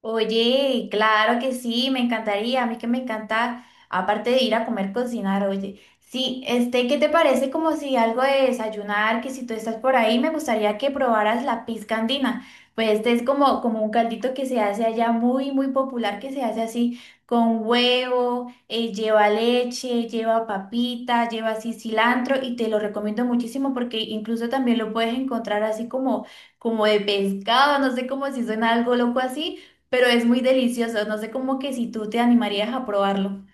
Oye, claro que sí, me encantaría, a mí que me encanta, aparte de ir a comer, cocinar, oye. Sí, ¿qué te parece como si algo de desayunar, que si tú estás por ahí, me gustaría que probaras la pizca andina? Pues este es como un caldito que se hace allá muy, muy popular, que se hace así con huevo, lleva leche, lleva papita, lleva así cilantro y te lo recomiendo muchísimo porque incluso también lo puedes encontrar así como, como de pescado, no sé, como si suena algo loco así pero es muy delicioso. No sé cómo que si tú te animarías a probarlo.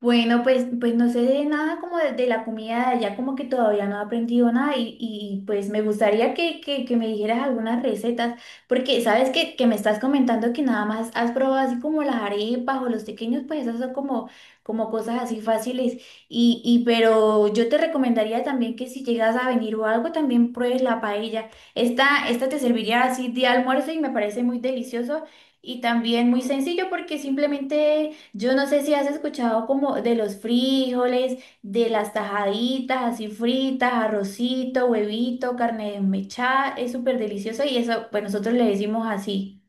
Bueno, pues no sé de nada como de la comida de allá, como que todavía no he aprendido nada y, y pues me gustaría que me dijeras algunas recetas, porque sabes que me estás comentando que nada más has probado así como las arepas o los pequeños, pues esas son como, como cosas así fáciles y, y yo te recomendaría también que si llegas a venir o algo también pruebes la paella. Esta te serviría así de almuerzo y me parece muy delicioso y también muy sencillo porque simplemente... Yo no sé si has escuchado como de los frijoles, de las tajaditas así fritas, arrocito, huevito, carne desmechada, es súper delicioso y eso, pues nosotros le decimos así.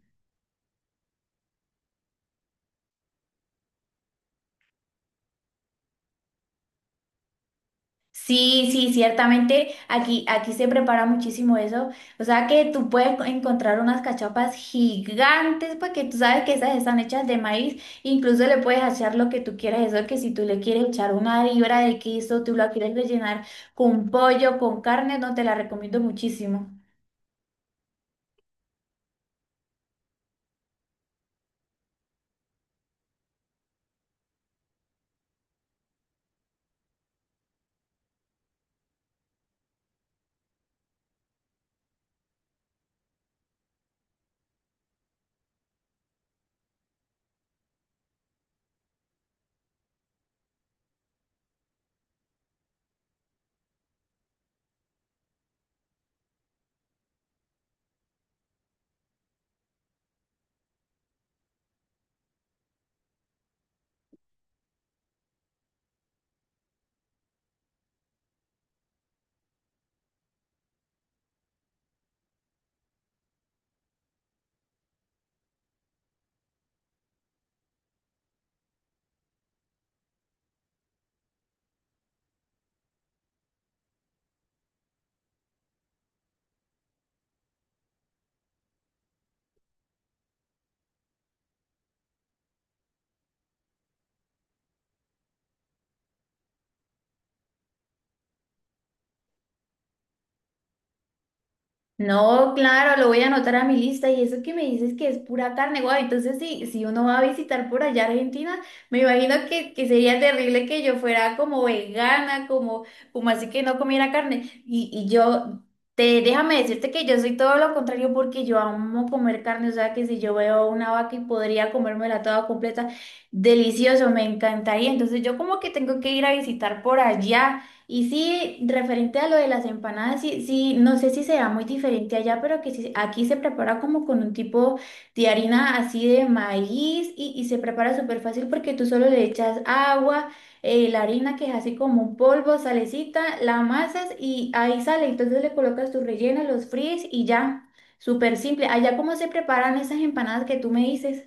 Sí, sí, ciertamente aquí, aquí se prepara muchísimo eso. O sea que tú puedes encontrar unas cachapas gigantes porque tú sabes que esas están hechas de maíz. Incluso le puedes echar lo que tú quieras. Eso que si tú le quieres echar una libra de queso, tú la quieres rellenar con pollo, con carne, no te la recomiendo muchísimo. No, claro, lo voy a anotar a mi lista y eso que me dices que es pura carne, guau, entonces si, si uno va a visitar por allá Argentina, me imagino que sería terrible que yo fuera como vegana, como, como así que no comiera carne. Déjame decirte que yo soy todo lo contrario porque yo amo comer carne, o sea que si yo veo una vaca y podría comérmela toda completa, delicioso, me encantaría. Entonces yo como que tengo que ir a visitar por allá. Y sí, referente a lo de las empanadas, sí, sí, no sé si será muy diferente allá, pero que sí- aquí se prepara como con un tipo de harina así de maíz y se prepara súper fácil porque tú solo le echas agua, la harina que es así como un polvo, salecita, la amasas y ahí sale. Entonces le colocas tu relleno, los fríes y ya, súper simple. Allá, ¿cómo se preparan esas empanadas que tú me dices?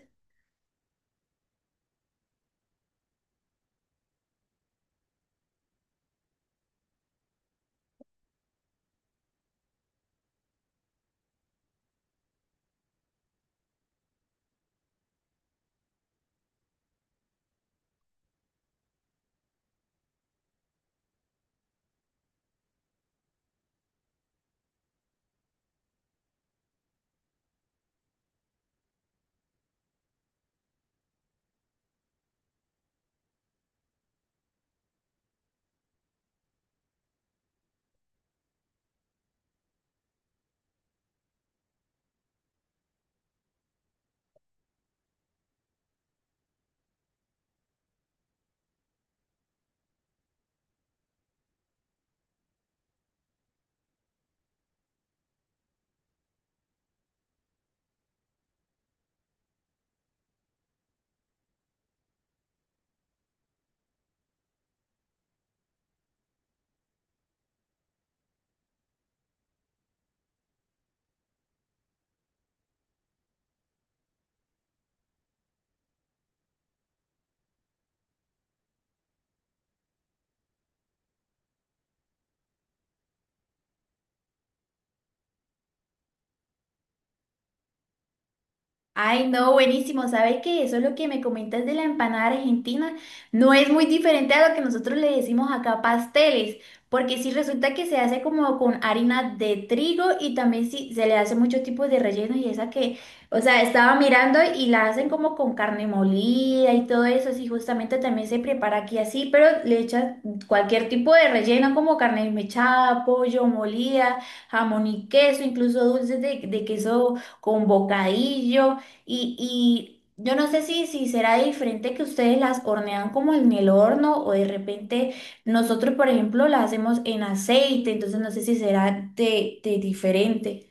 Ay, no, buenísimo. ¿Sabes qué? Eso es lo que me comentas de la empanada argentina. No es muy diferente a lo que nosotros le decimos acá pasteles, porque sí resulta que se hace como con harina de trigo y también sí se le hace muchos tipos de rellenos y esa que, o sea, estaba mirando y la hacen como con carne molida y todo eso. Sí, justamente también se prepara aquí así, pero le echas cualquier tipo de relleno como carne mechada, pollo molida, jamón y queso, incluso dulces de queso con bocadillo. Y yo no sé si, si será diferente que ustedes las hornean como en el horno o de repente nosotros, por ejemplo, las hacemos en aceite, entonces no sé si será de diferente.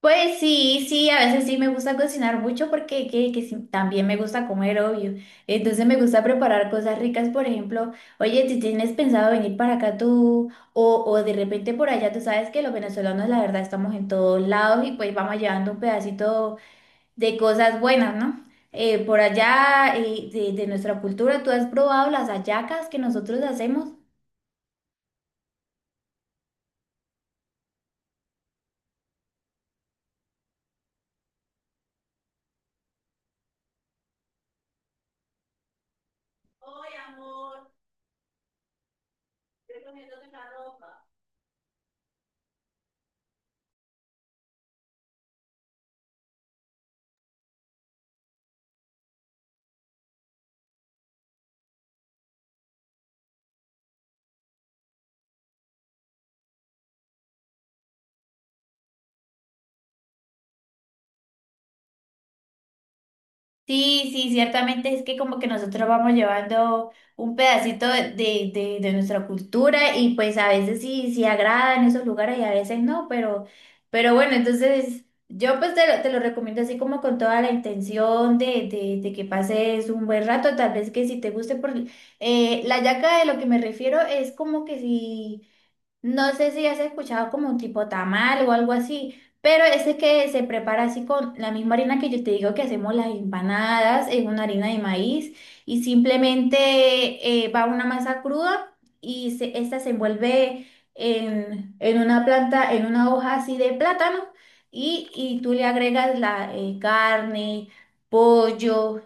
Pues sí, sí, a veces sí me gusta cocinar mucho porque que sí, también me gusta comer, obvio. Entonces me gusta preparar cosas ricas, por ejemplo, oye, si tienes pensado venir para acá tú o de repente por allá, tú sabes que los venezolanos la verdad estamos en todos lados y pues vamos llevando un pedacito de cosas buenas, ¿no? Por allá, de nuestra cultura, ¿tú has probado las hallacas que nosotros hacemos? Sí, sí, ciertamente es que como que nosotros vamos llevando un pedacito de nuestra cultura y pues a veces sí, sí agrada en esos lugares y a veces no, pero bueno, entonces yo pues te lo recomiendo así como con toda la intención de que pases un buen rato, tal vez que si te guste, porque la hallaca de lo que me refiero es como que si... No sé si has escuchado como un tipo tamal o algo así, pero ese que se prepara así con la misma harina que yo te digo que hacemos las empanadas, es una harina de maíz y simplemente va una masa cruda y se, esta se envuelve en una planta, en una hoja así de plátano y tú le agregas la carne, pollo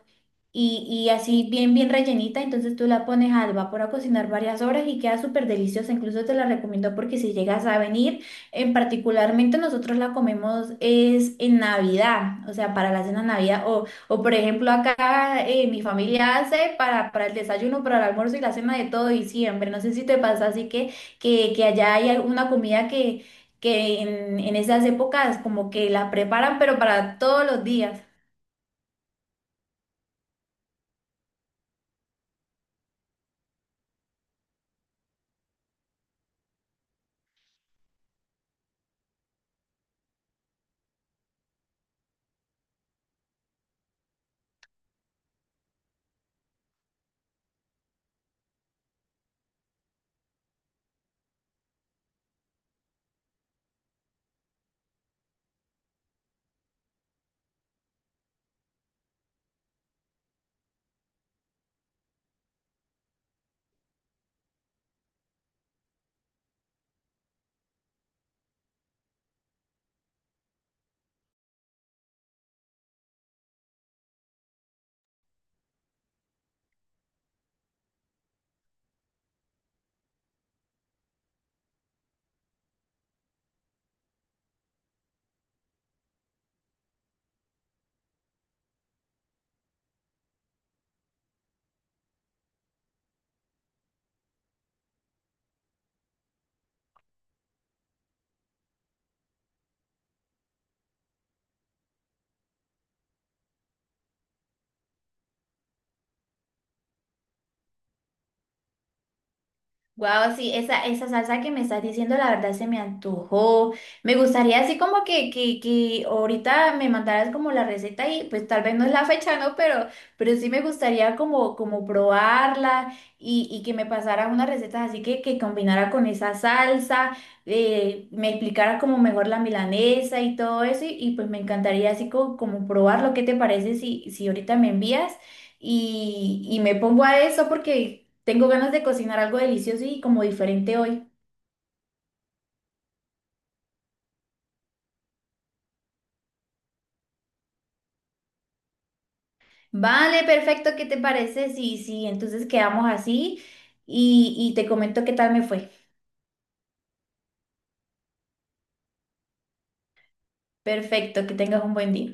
y así bien, bien rellenita. Entonces tú la pones al vapor a cocinar varias horas y queda súper deliciosa. Incluso te la recomiendo porque si llegas a venir, en particularmente nosotros la comemos es en Navidad, o sea, para la cena de Navidad. O por ejemplo, acá mi familia hace para el desayuno, para el almuerzo y la cena de todo diciembre. No sé si te pasa así que, que allá hay alguna comida que en esas épocas como que la preparan, pero para todos los días. Wow, sí, esa salsa que me estás diciendo, la verdad se me antojó. Me gustaría así como que ahorita me mandaras como la receta y pues tal vez no es la fecha, ¿no? Pero sí me gustaría como, como probarla y que me pasaras unas recetas así que combinara con esa salsa, me explicara como mejor la milanesa y todo eso y, pues me encantaría así co- como, probarlo. ¿Qué te parece si, si ahorita me envías y me pongo a eso porque... Tengo ganas de cocinar algo delicioso y como diferente hoy. Vale, perfecto, ¿qué te parece? Sí, sí, entonces quedamos así y te comento qué tal me fue. Perfecto, que tengas un buen día.